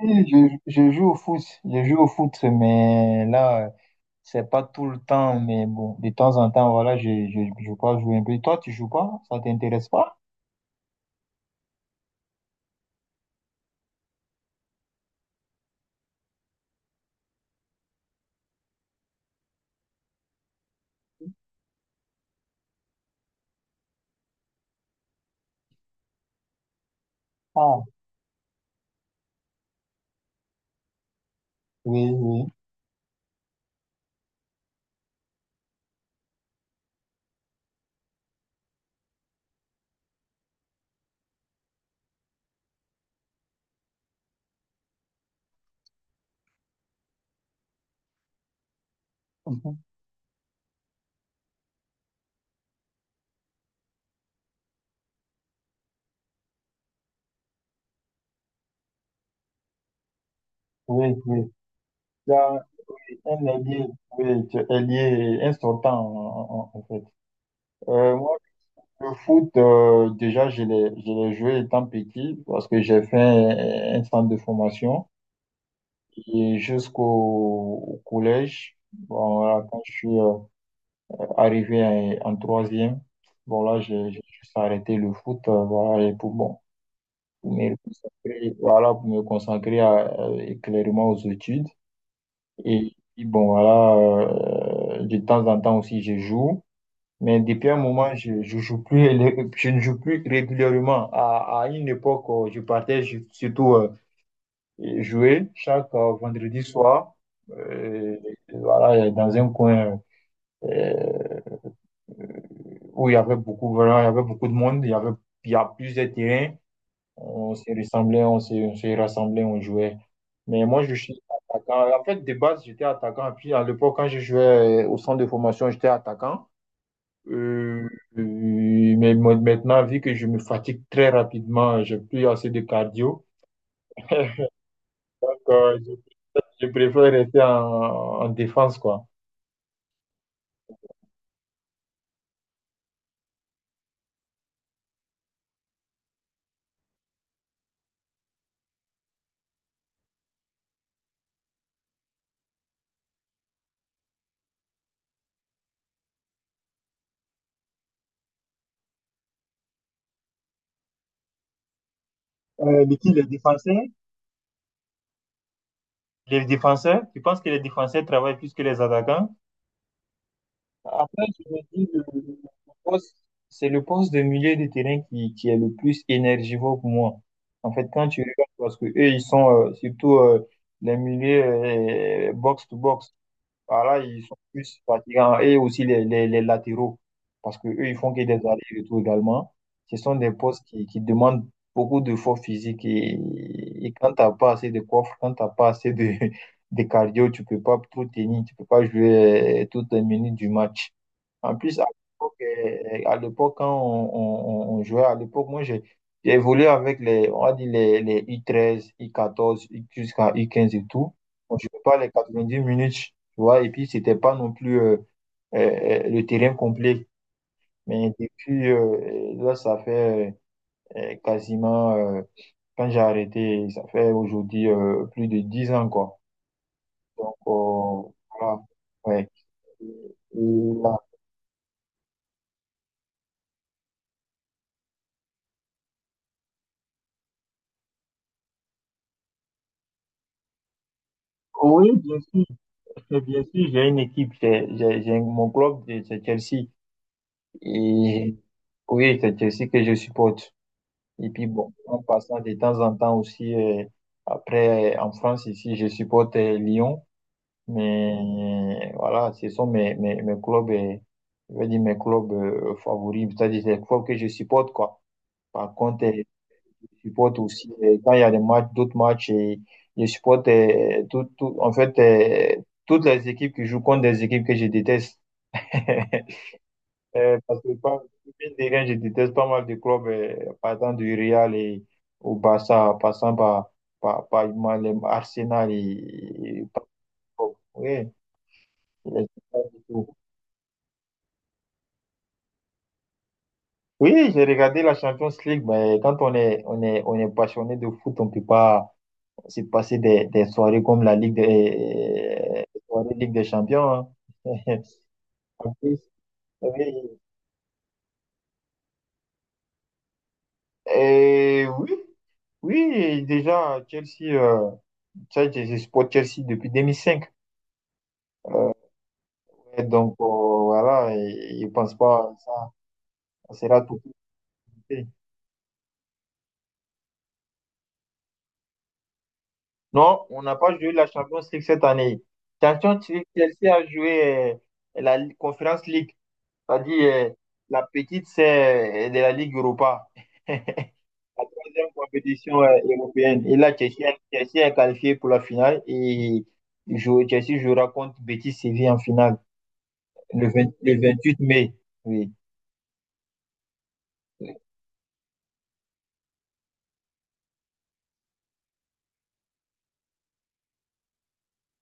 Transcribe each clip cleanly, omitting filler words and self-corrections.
Oui, je joue au foot, je joue au foot, mais là, c'est pas tout le temps, mais bon, de temps en temps, voilà, je crois jouer un peu. Toi, tu joues pas? Ça t'intéresse pas? Ah, oui, oui. Mhm. Oui, oui. Là, un allié oui, tu es ailier, un sortant, en fait. Moi, le foot, déjà, je l'ai joué étant petit parce que j'ai fait un centre de formation. Et jusqu'au au collège. Bon, voilà, quand je suis arrivé en en 3e, bon, là, j'ai juste arrêté le foot, voilà, et pour, bon, pour me concentrer, voilà, pour me concentrer clairement aux études. Et puis, bon, voilà, de temps en temps aussi, je joue. Mais depuis un moment, je joue plus, je ne joue plus régulièrement. À une époque, je partais ju- surtout et jouer chaque vendredi soir. Euh, voilà, dans un coin euh, où il y avait beaucoup, voilà, il y avait beaucoup de monde, il y avait, il y a plusieurs terrains. On se rassemblait, on jouait. Mais moi, je suis attaquant. En fait, de base, j'étais attaquant. Puis, à l'époque, quand je jouais au centre de formation, j'étais attaquant. Euh, Maintenant, vu que je me fatigue très rapidement, j'ai plus assez de cardio. Donc, je préfère rester en défense, quoi. Euh, mais qui les défenseurs, les défenseurs, tu penses que les défenseurs travaillent plus que les attaquants? Après, je me dis, le poste, c'est le poste de milieu de terrain qui est le plus énergivore pour moi. En fait, quand tu regardes, parce que eux, ils sont surtout les milieux box-to-box. Voilà, ils sont plus fatigants. Et aussi les latéraux, parce que eux ils font que des allers-retours également. Ce sont des postes qui demandent beaucoup d'efforts physiques. Et quand tu n'as pas assez de coffre, quand tu n'as pas assez de, de cardio, tu peux pas tout tenir, tu peux pas jouer toutes les minutes du match. En plus, à l'époque, quand on jouait, à l'époque, moi, j'ai évolué avec les, on va dire les u 13 u 14 jusqu'à u 15 et tout. On ne jouait pas les 10 minutes, tu vois, et puis, c'était pas non plus le terrain complet. Mais depuis, là, ça fait quasiment, quand j'ai arrêté, ça fait aujourd'hui plus de 10 ans, quoi. Donc, voilà, ouais. Et là- oui, bien sûr. Et bien sûr, j'ai une équipe, mon club, c'est Chelsea. Et oui, c'est Chelsea que je supporte. Et puis bon, en passant de temps en temps aussi, après, en France, ici, je supporte Lyon. Mais voilà, ce sont mes clubs, je vais dire mes clubs favoris, c'est-à-dire les clubs que je supporte, quoi. Par contre, je supporte aussi, quand il y a des matchs, d'autres matchs, et je supporte tout, en fait, toutes les équipes qui jouent contre des équipes que je déteste. Parce que pas, mine de rien, je déteste pas mal de clubs, partant du Real et au Barça, en passant par, par moi, les Arsenal et par- oui, je les aime pas du tout. Oui, j'ai regardé la Champions League, mais quand on est, on est, on est passionné de foot, on peut pas se passer des soirées comme la Ligue des, soirées Ligue des Champions. Hein. En plus, oui. Et oui, oui, déjà, Chelsea. Euh, ça, sais, je supporte Chelsea depuis 2005. Et donc, voilà, et- je ne pense pas que ça sera tout compté. Non, on n'a pas joué la Champions League cette année. Champions League, Chelsea a joué Conference League, c'est-à-dire la petite, c'est de la Ligue Europa. La troisième compétition européenne. Et là, Chelsea est qualifié pour la finale et Chelsea jouera contre Betis Séville en finale le 28 mai. Oui.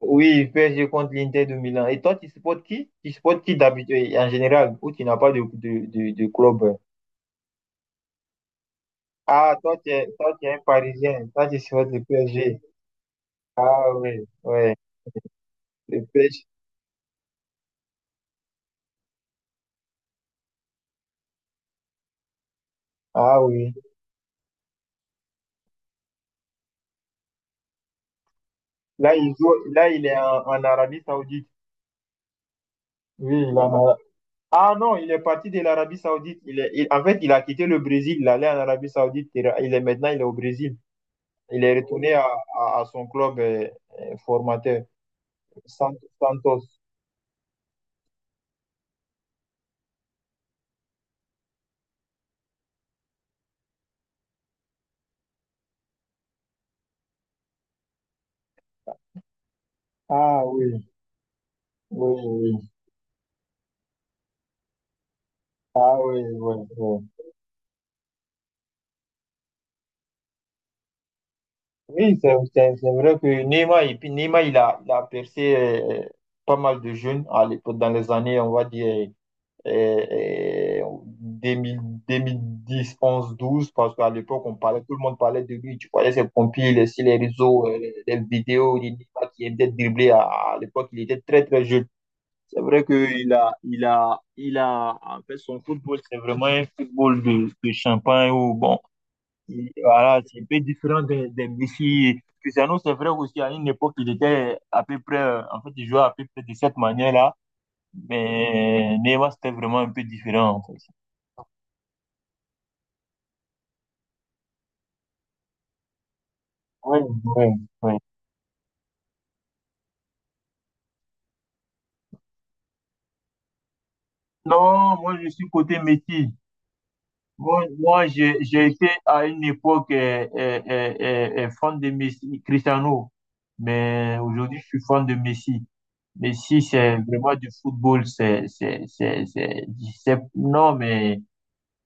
Oui, PSG contre l'Inter de Milan. Et toi, tu supportes qui? Tu supportes qui d'habitude en général ou tu n'as pas de, de club? Euh. Ah, toi, toi, tu es un Parisien. Toi, tu supportes le PSG. Ah oui, ouais. Le PSG. Ah oui. Là, là, il est en, en Arabie Saoudite. Oui, il est en Ara- Ah non, il est parti de l'Arabie Saoudite. En fait, il a quitté le Brésil. Il allait en Arabie Saoudite. Maintenant, il est au Brésil. Il est retourné à son club formateur, Sant- Santos. Ah oui. Oui, oui. Ah oui, oui, oui. Oui, c'est vrai que Neymar, et puis Neymar, il a percé pas mal de jeunes à l'époque, dans les années, on va dire, euh, deux mille deux mille dix onze douze parce qu'à l'époque, on parlait, tout le monde parlait de lui. Tu voyais ses compiles sur les réseaux, les vidéos, il Neymar qui était dribblé à l'époque, il était très, très jeune. C'est vrai qu'il a, il a, il a, en fait, son football, c'est vraiment un football de champagne où, bon, Il- voilà, c'est un peu différent de- des Messi. Cristiano, c'est vrai aussi, à une époque, il était à peu près, en fait, il jouait à peu près de cette manière-là, mais Neymar, c'était vraiment un peu différent, en fait. Oui, oui, oui. Non, moi, je suis côté Messi. Moi, j'ai été à une époque fan de Messi, Cristiano, mais aujourd'hui, je suis fan de Messi. Messi, c'est vraiment du football, c'est- non, mais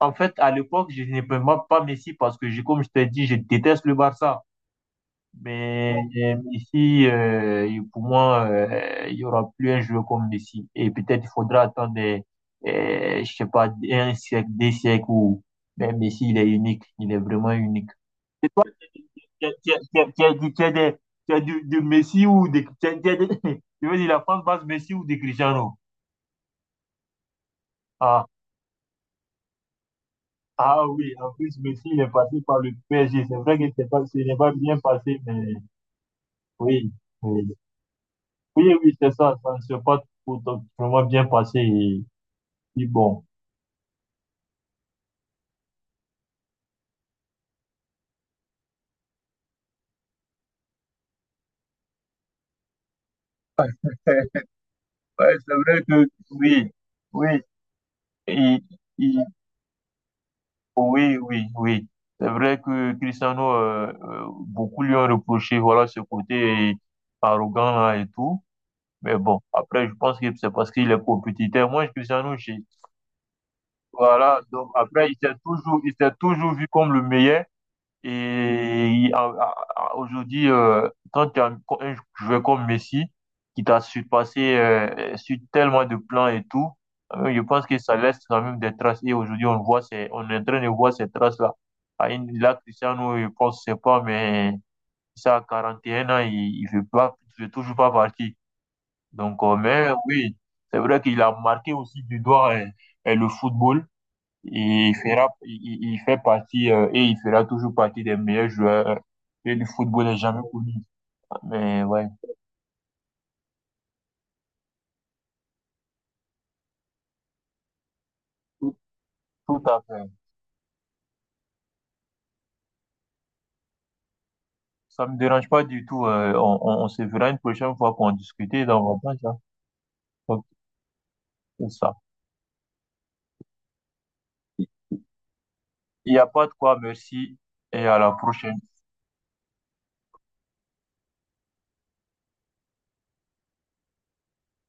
en fait, à l'époque, je n'aimais pas Messi parce que, je- comme je t'ai dit, je déteste le Barça. Mais Messi, il- pour moi, il y aura plus un joueur comme Messi. Et peut-être il faudra attendre, des, je sais pas, un siècle, des siècles où mais Messi, il est unique. Il est vraiment unique. Tu as dit, tu as des- du Messi ou des... Tu as des- je veux dire, la France base Messi ou des Cristiano. Ah, ah oui, en plus, Messi, il est passé par le PSG. C'est vrai que c'est pas, ce n'est pas bien passé, mais... Oui, oui, oui, c'est ça, ça ne s'est pas tout vraiment bien passé. Et, puis bon, Ouais, oui, oui, et- et- oui, c'est vrai que Cristiano, beaucoup lui ont reproché, voilà, ce côté arrogant et tout. Mais bon, je pense que c'est parce qu'il est compétiteur. Moi, Cristiano, j'ai, voilà, donc après, il s'est toujours vu comme le meilleur. Et aujourd'hui, quand tu as un joueur comme Messi, qui t'a surpassé sur tellement de plans et tout, je pense que ça laisse quand même des traces. Et aujourd'hui, on est en train de voir ces traces-là. À une- Là, Cristiano, je pense, je sais pas, mais ça, à 41 ans, il veut pas, il veut toujours pas partir. Donc, mais oui, c'est vrai qu'il a marqué aussi du doigt le football. Il fera, il- fait partie et il fera toujours partie des meilleurs joueurs et du football n'est jamais connu. Mais ouais, tout, tout à fait. Ça me dérange pas du tout. Euh, on se verra une prochaine fois pour en discuter dans mon ça. Donc, c'est ça. Il n'y a pas de quoi, merci et à la prochaine.